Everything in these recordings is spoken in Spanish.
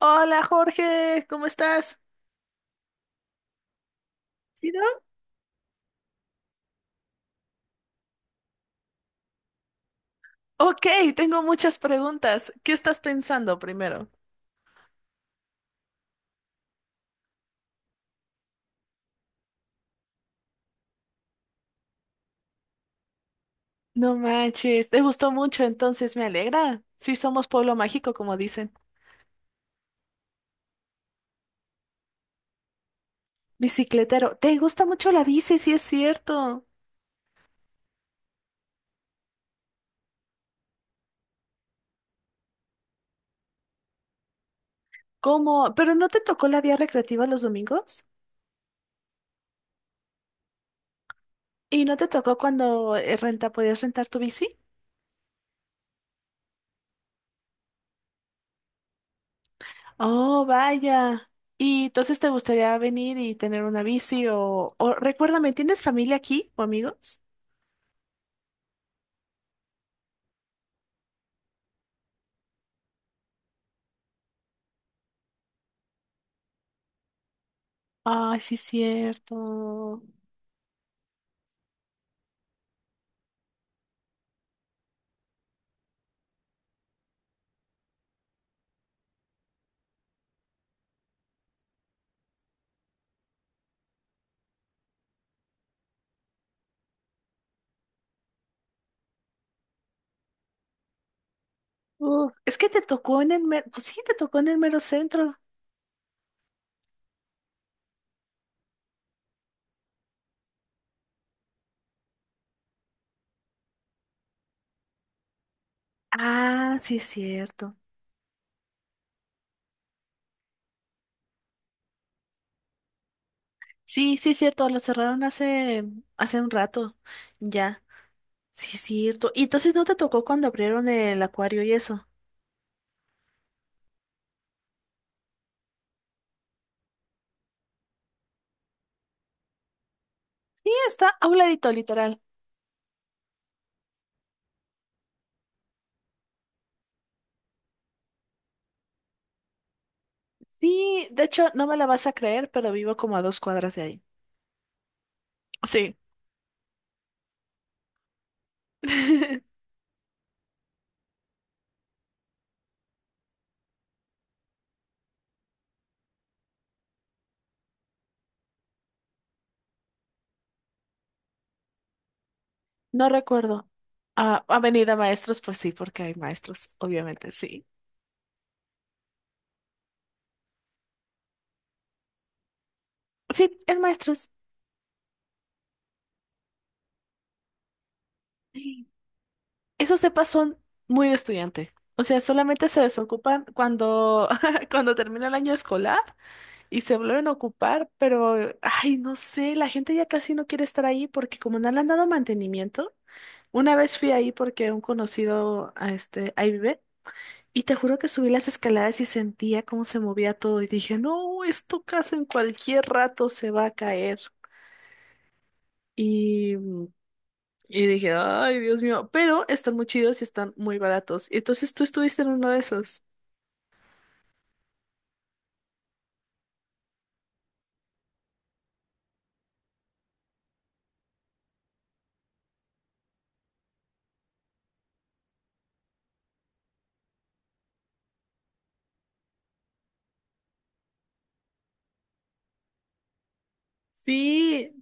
Hola Jorge, ¿cómo estás? ¿Sí, no? Ok, tengo muchas preguntas. ¿Qué estás pensando primero? No manches, te gustó mucho, entonces me alegra. Sí, somos pueblo mágico, como dicen. Bicicletero, ¿te gusta mucho la bici? Sí, es cierto. ¿Cómo? ¿Pero no te tocó la vía recreativa los domingos? ¿Y no te tocó cuando renta, podías rentar tu bici? Oh, vaya. ¿Y entonces te gustaría venir y tener una bici o recuérdame, ¿tienes familia aquí o amigos? Ay, sí, cierto. Uf, es que te tocó en el mero, pues sí, te tocó en el mero centro. Ah, sí, es cierto. Sí, sí, es cierto, lo cerraron hace, hace un rato, ya. Sí, es cierto. Y entonces no te tocó cuando abrieron el acuario y eso. Sí, está a un ladito, literal. Sí, de hecho, no me la vas a creer, pero vivo como a dos cuadras de ahí. Sí. No recuerdo. Ah, Avenida Maestros, pues sí, porque hay maestros, obviamente, sí. Sí, es maestros. Esos cepas son muy de estudiante. O sea, solamente se desocupan cuando, cuando termina el año escolar y se vuelven a ocupar, pero, ay, no sé, la gente ya casi no quiere estar ahí porque como no le han dado mantenimiento, una vez fui ahí porque un conocido, ahí vive, y te juro que subí las escaleras y sentía cómo se movía todo y dije, no, esto casi en cualquier rato se va a caer. Y... mm, Y dije, ay, Dios mío, pero están muy chidos y están muy baratos. Y entonces tú estuviste en uno de esos. Sí,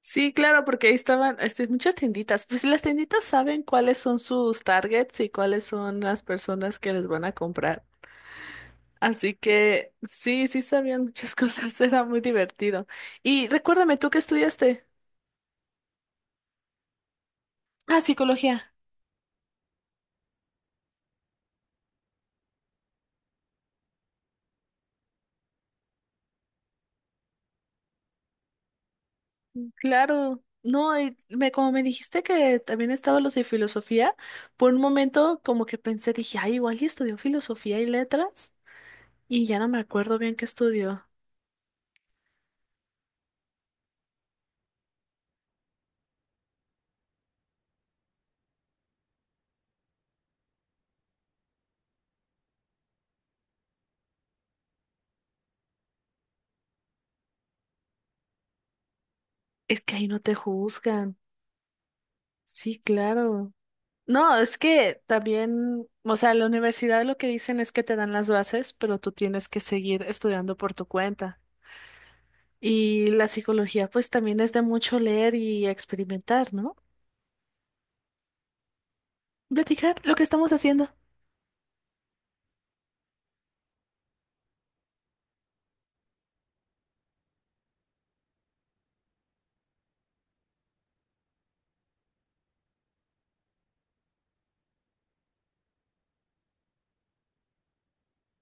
sí, claro, porque ahí estaban muchas tienditas. Pues las tienditas saben cuáles son sus targets y cuáles son las personas que les van a comprar. Así que sí, sí sabían muchas cosas, era muy divertido. Y recuérdame, ¿tú qué estudiaste? Ah, psicología. Claro, no, y me, como me dijiste que también estaba los de filosofía, por un momento como que pensé, dije, ay, igual y estudió filosofía y letras, y ya no me acuerdo bien qué estudió. Es que ahí no te juzgan. Sí, claro. No, es que también, o sea, la universidad lo que dicen es que te dan las bases, pero tú tienes que seguir estudiando por tu cuenta. Y la psicología, pues también es de mucho leer y experimentar, ¿no? Platicar lo que estamos haciendo.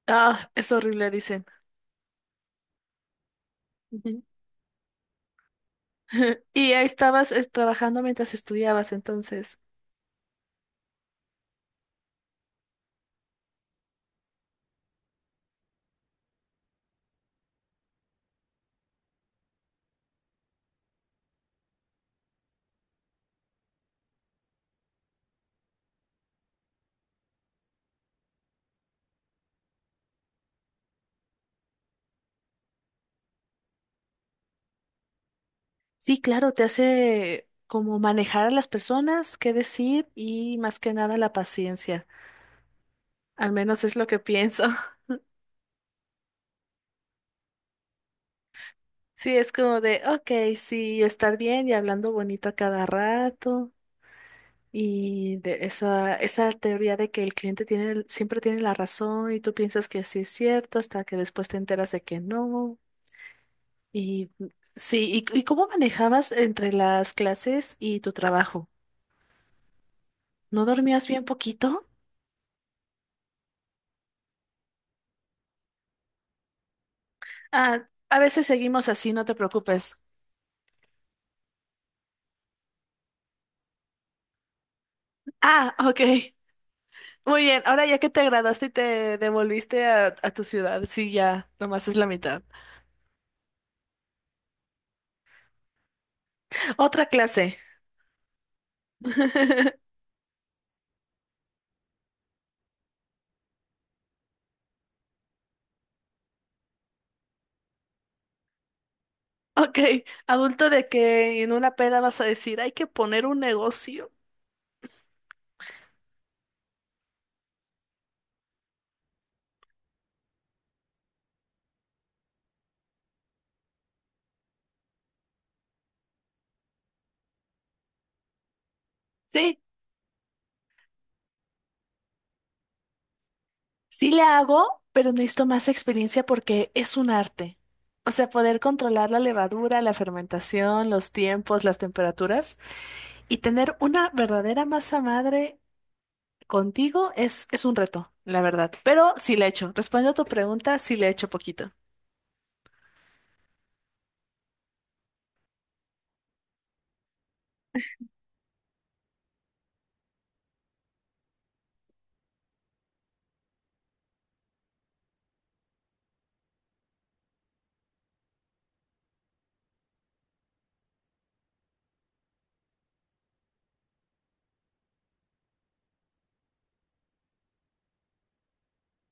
Ah, es horrible, dicen. Y ahí estabas trabajando mientras estudiabas, entonces. Sí, claro, te hace como manejar a las personas, qué decir y más que nada la paciencia. Al menos es lo que pienso. Sí, es como de, ok, sí, estar bien y hablando bonito a cada rato. Y de esa, esa teoría de que el cliente siempre tiene la razón y tú piensas que sí es cierto hasta que después te enteras de que no. Y sí, y cómo manejabas entre las clases y tu trabajo? ¿No dormías bien poquito? Ah, a veces seguimos así, no te preocupes. Ah, ok. Muy bien, ahora ya que te graduaste y te devolviste a tu ciudad, sí, ya, nomás es la mitad. Otra clase. Ok, adulto de que en una peda vas a decir, hay que poner un negocio. Sí, sí le hago, pero necesito más experiencia porque es un arte. O sea, poder controlar la levadura, la fermentación, los tiempos, las temperaturas y tener una verdadera masa madre contigo es un reto, la verdad. Pero sí le echo. Respondiendo a tu pregunta, sí le echo poquito.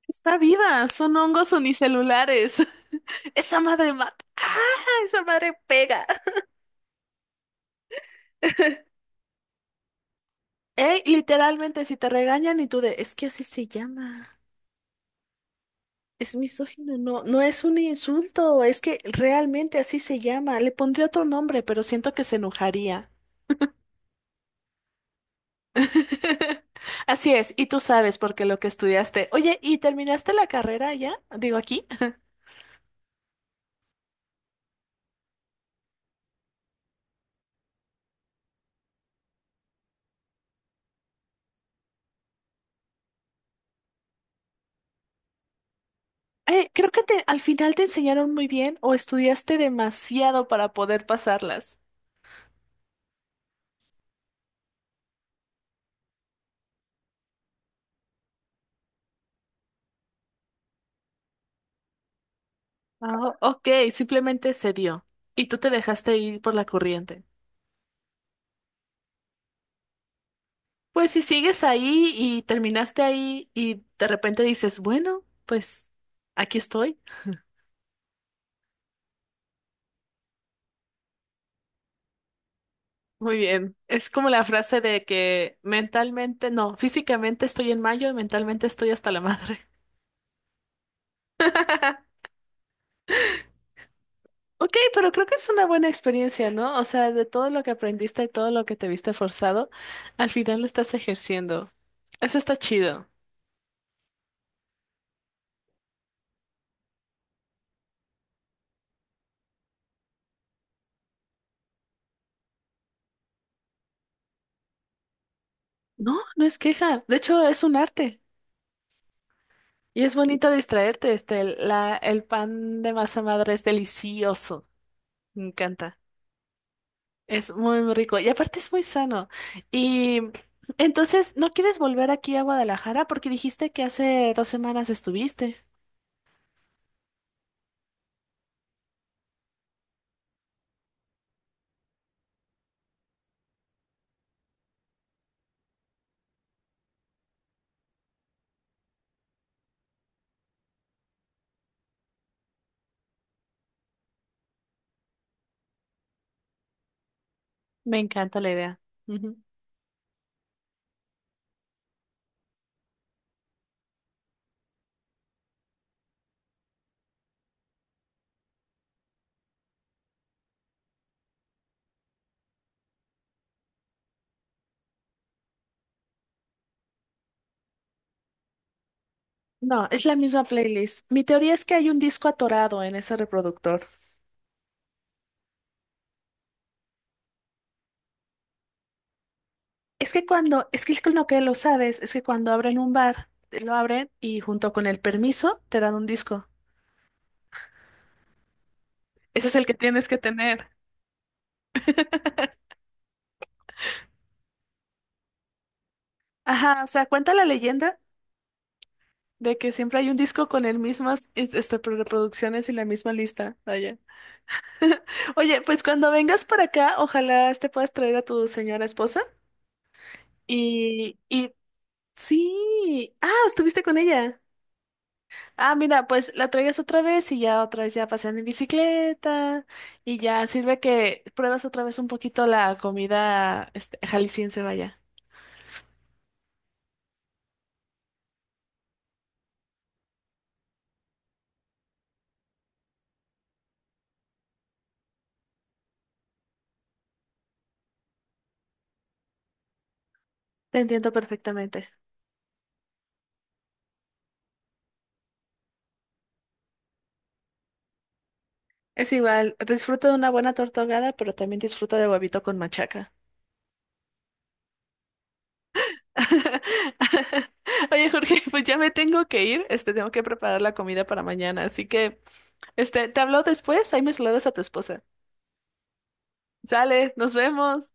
Está viva, son hongos unicelulares. Esa madre mata. ¡Ah! Esa madre pega. Ey, literalmente, si te regañan y tú de, es que así se llama. Es misógino, no, no es un insulto, es que realmente así se llama. Le pondría otro nombre, pero siento que se enojaría. Así es, y tú sabes porque lo que estudiaste. Oye, ¿y terminaste la carrera ya? Digo aquí. Creo que al final te enseñaron muy bien o estudiaste demasiado para poder pasarlas. Ah, ok, simplemente se dio y tú te dejaste ir por la corriente. Pues si sigues ahí y terminaste ahí y de repente dices, bueno, pues aquí estoy. Muy bien. Es como la frase de que mentalmente, no, físicamente estoy en mayo y mentalmente estoy hasta la madre. Ok, pero creo que es una buena experiencia, ¿no? O sea, de todo lo que aprendiste y todo lo que te viste forzado, al final lo estás ejerciendo. Eso está chido. No, no es queja. De hecho, es un arte. Y es bonito distraerte. El pan de masa madre es delicioso. Me encanta. Es muy, muy rico. Y aparte es muy sano. Y entonces, ¿no quieres volver aquí a Guadalajara? Porque dijiste que hace dos semanas estuviste. Me encanta la idea. No, es la misma playlist. Mi teoría es que hay un disco atorado en ese reproductor. Es que lo sabes, es que cuando abren un bar, te lo abren y junto con el permiso te dan un disco. Ese es el que tienes que tener. Ajá, o sea, cuenta la leyenda de que siempre hay un disco con el mismas es- este, pro- reproducciones y la misma lista. Vaya. Oye, pues cuando vengas para acá, ojalá te puedas traer a tu señora esposa. Y sí. Ah, estuviste con ella. Ah, mira, pues la traigas otra vez y ya otra vez ya pasean en bicicleta y ya sirve que pruebas otra vez un poquito la comida jalisciense, vaya. Te entiendo perfectamente. Es igual, disfruto de una buena torta ahogada, pero también disfruto de huevito con machaca. Oye, Jorge, pues ya me tengo que ir, tengo que preparar la comida para mañana, así que te hablo después, ahí me saludas a tu esposa. Sale, nos vemos.